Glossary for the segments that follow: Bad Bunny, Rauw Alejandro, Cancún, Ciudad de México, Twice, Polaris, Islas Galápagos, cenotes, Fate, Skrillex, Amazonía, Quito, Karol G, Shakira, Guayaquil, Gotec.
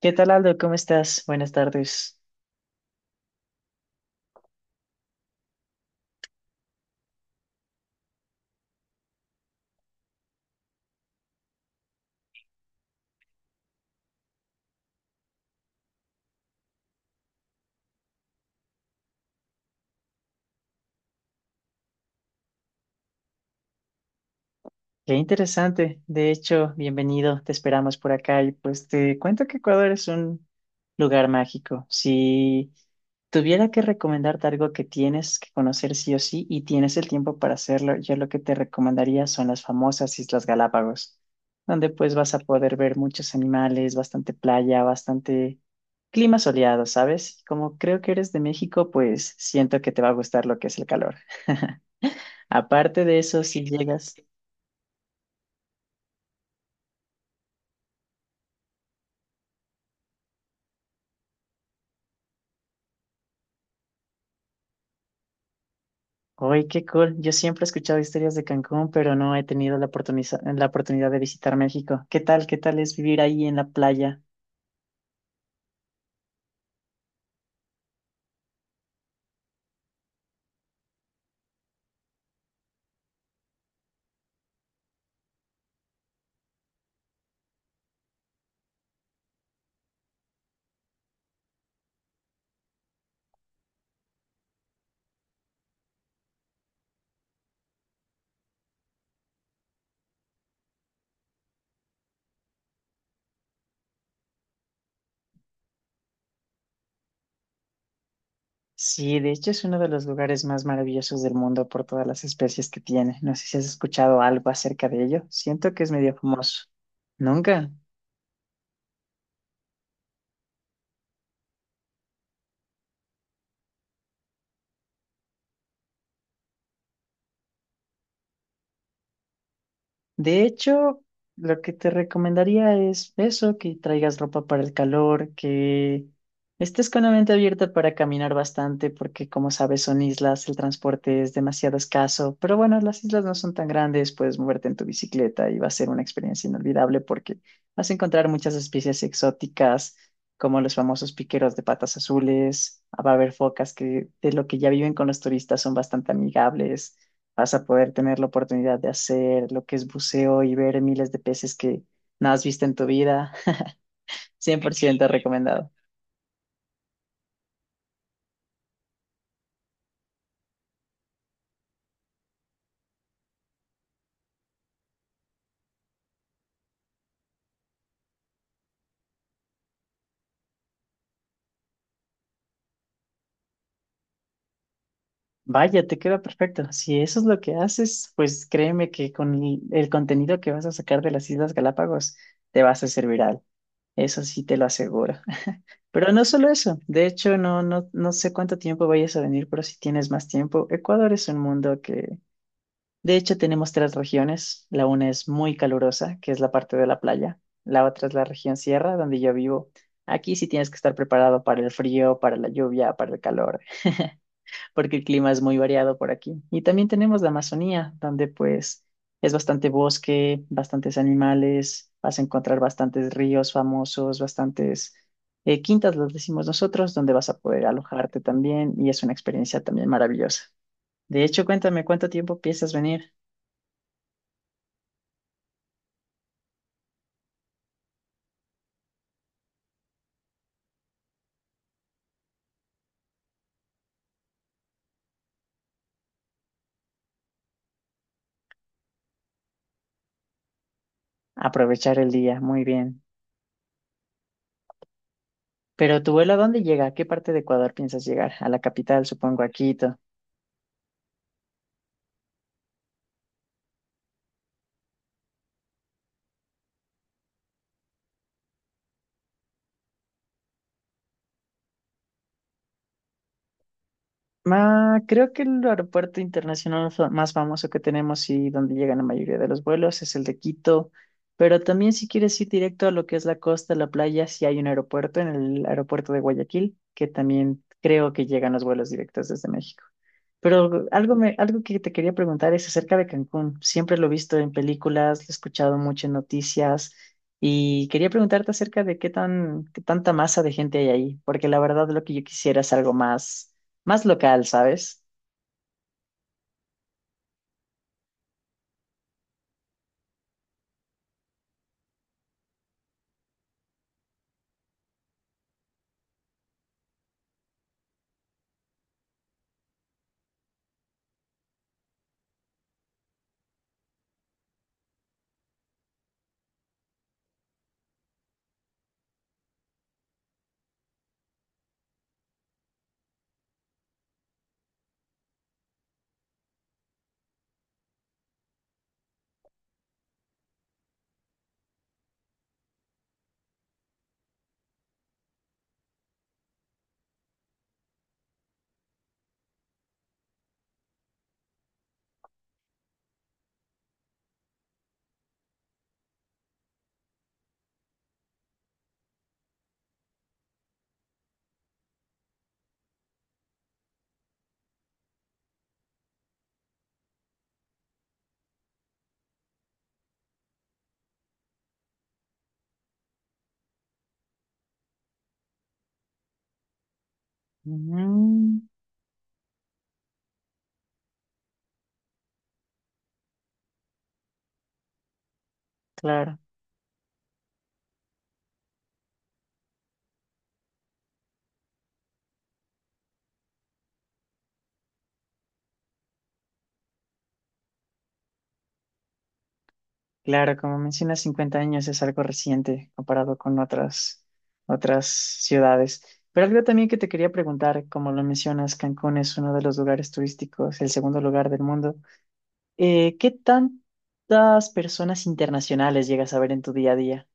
¿Qué tal, Aldo? ¿Cómo estás? Buenas tardes. Qué interesante. De hecho, bienvenido. Te esperamos por acá y pues te cuento que Ecuador es un lugar mágico. Si tuviera que recomendarte algo que tienes que conocer sí o sí y tienes el tiempo para hacerlo, yo lo que te recomendaría son las famosas Islas Galápagos, donde pues vas a poder ver muchos animales, bastante playa, bastante clima soleado, ¿sabes? Como creo que eres de México, pues siento que te va a gustar lo que es el calor. Aparte de eso, si llegas, ¡ay, qué cool! Yo siempre he escuchado historias de Cancún, pero no he tenido la la oportunidad de visitar México. ¿Qué tal? ¿Qué tal es vivir ahí en la playa? Sí, de hecho es uno de los lugares más maravillosos del mundo por todas las especies que tiene. No sé si has escuchado algo acerca de ello. Siento que es medio famoso. Nunca. De hecho, lo que te recomendaría es eso, que traigas ropa para el calor, que estés con la mente abierta para caminar bastante, porque como sabes son islas, el transporte es demasiado escaso, pero bueno, las islas no son tan grandes, puedes moverte en tu bicicleta y va a ser una experiencia inolvidable porque vas a encontrar muchas especies exóticas, como los famosos piqueros de patas azules, va a haber focas que de lo que ya viven con los turistas son bastante amigables. Vas a poder tener la oportunidad de hacer lo que es buceo y ver miles de peces que no has visto en tu vida. 100% recomendado. Vaya, te queda perfecto. Si eso es lo que haces, pues créeme que con el contenido que vas a sacar de las Islas Galápagos te vas a hacer viral. Eso sí te lo aseguro. Pero no solo eso. De hecho, no, no, no sé cuánto tiempo vayas a venir, pero si tienes más tiempo, Ecuador es un mundo que de hecho, tenemos tres regiones. La una es muy calurosa, que es la parte de la playa. La otra es la región sierra, donde yo vivo. Aquí sí tienes que estar preparado para el frío, para la lluvia, para el calor, porque el clima es muy variado por aquí. Y también tenemos la Amazonía, donde pues es bastante bosque, bastantes animales, vas a encontrar bastantes ríos famosos, bastantes quintas, los decimos nosotros, donde vas a poder alojarte también y es una experiencia también maravillosa. De hecho, cuéntame, ¿cuánto tiempo piensas venir? Aprovechar el día, muy bien. Pero tu vuelo, ¿a dónde llega? ¿A qué parte de Ecuador piensas llegar? A la capital, supongo, a Quito. Ah, creo que el aeropuerto internacional más famoso que tenemos y donde llegan la mayoría de los vuelos es el de Quito, pero también si quieres ir directo a lo que es la costa, la playa, sí hay un aeropuerto en el aeropuerto de Guayaquil, que también creo que llegan los vuelos directos desde México. Pero algo que te quería preguntar es acerca de Cancún. Siempre lo he visto en películas, lo he escuchado mucho en noticias y quería preguntarte acerca de qué tanta masa de gente hay ahí, porque la verdad lo que yo quisiera es algo más más local, ¿sabes? Mm, claro, claro, como mencionas, 50 años es algo reciente comparado con otras, otras ciudades. Pero algo también que te quería preguntar, como lo mencionas, Cancún es uno de los lugares turísticos, el segundo lugar del mundo. ¿Qué tantas personas internacionales llegas a ver en tu día a día?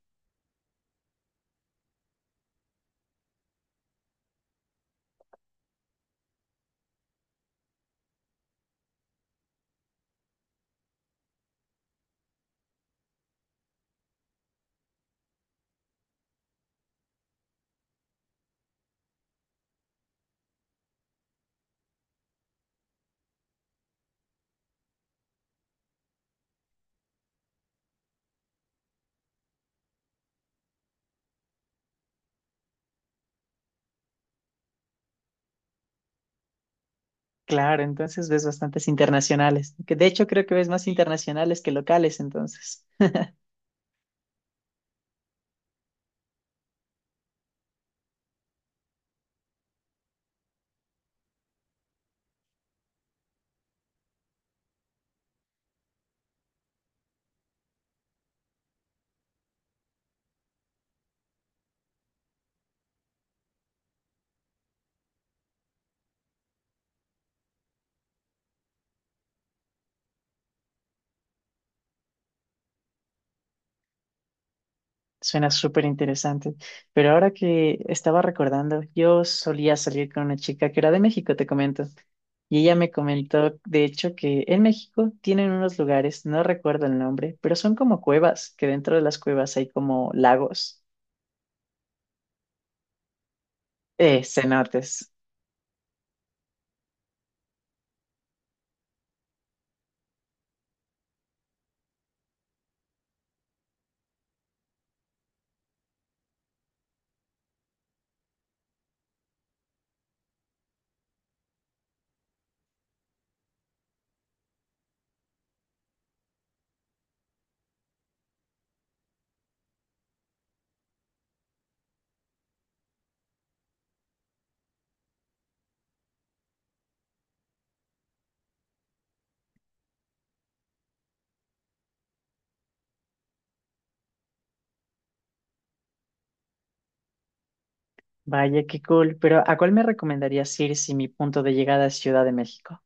Claro, entonces ves bastantes internacionales, que de hecho creo que ves más internacionales que locales, entonces. Suena súper interesante. Pero ahora que estaba recordando, yo solía salir con una chica que era de México, te comento. Y ella me comentó, de hecho, que en México tienen unos lugares, no recuerdo el nombre, pero son como cuevas, que dentro de las cuevas hay como lagos, cenotes. Vaya, qué cool. Pero ¿a cuál me recomendarías ir si mi punto de llegada es Ciudad de México?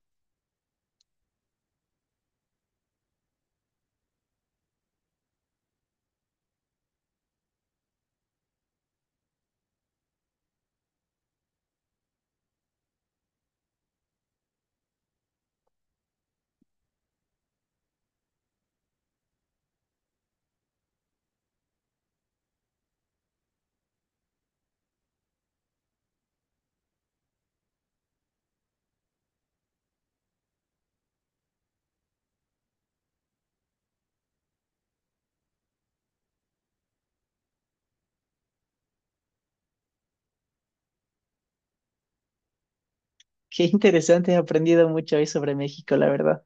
Qué interesante, he aprendido mucho hoy sobre México, la verdad.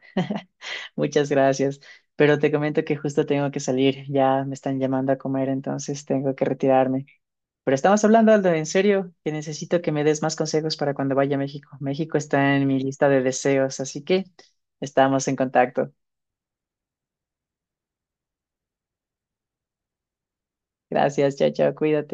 Muchas gracias. Pero te comento que justo tengo que salir. Ya me están llamando a comer, entonces tengo que retirarme. Pero estamos hablando, Aldo, en serio, que necesito que me des más consejos para cuando vaya a México. México está en mi lista de deseos, así que estamos en contacto. Gracias, chao, chao, cuídate.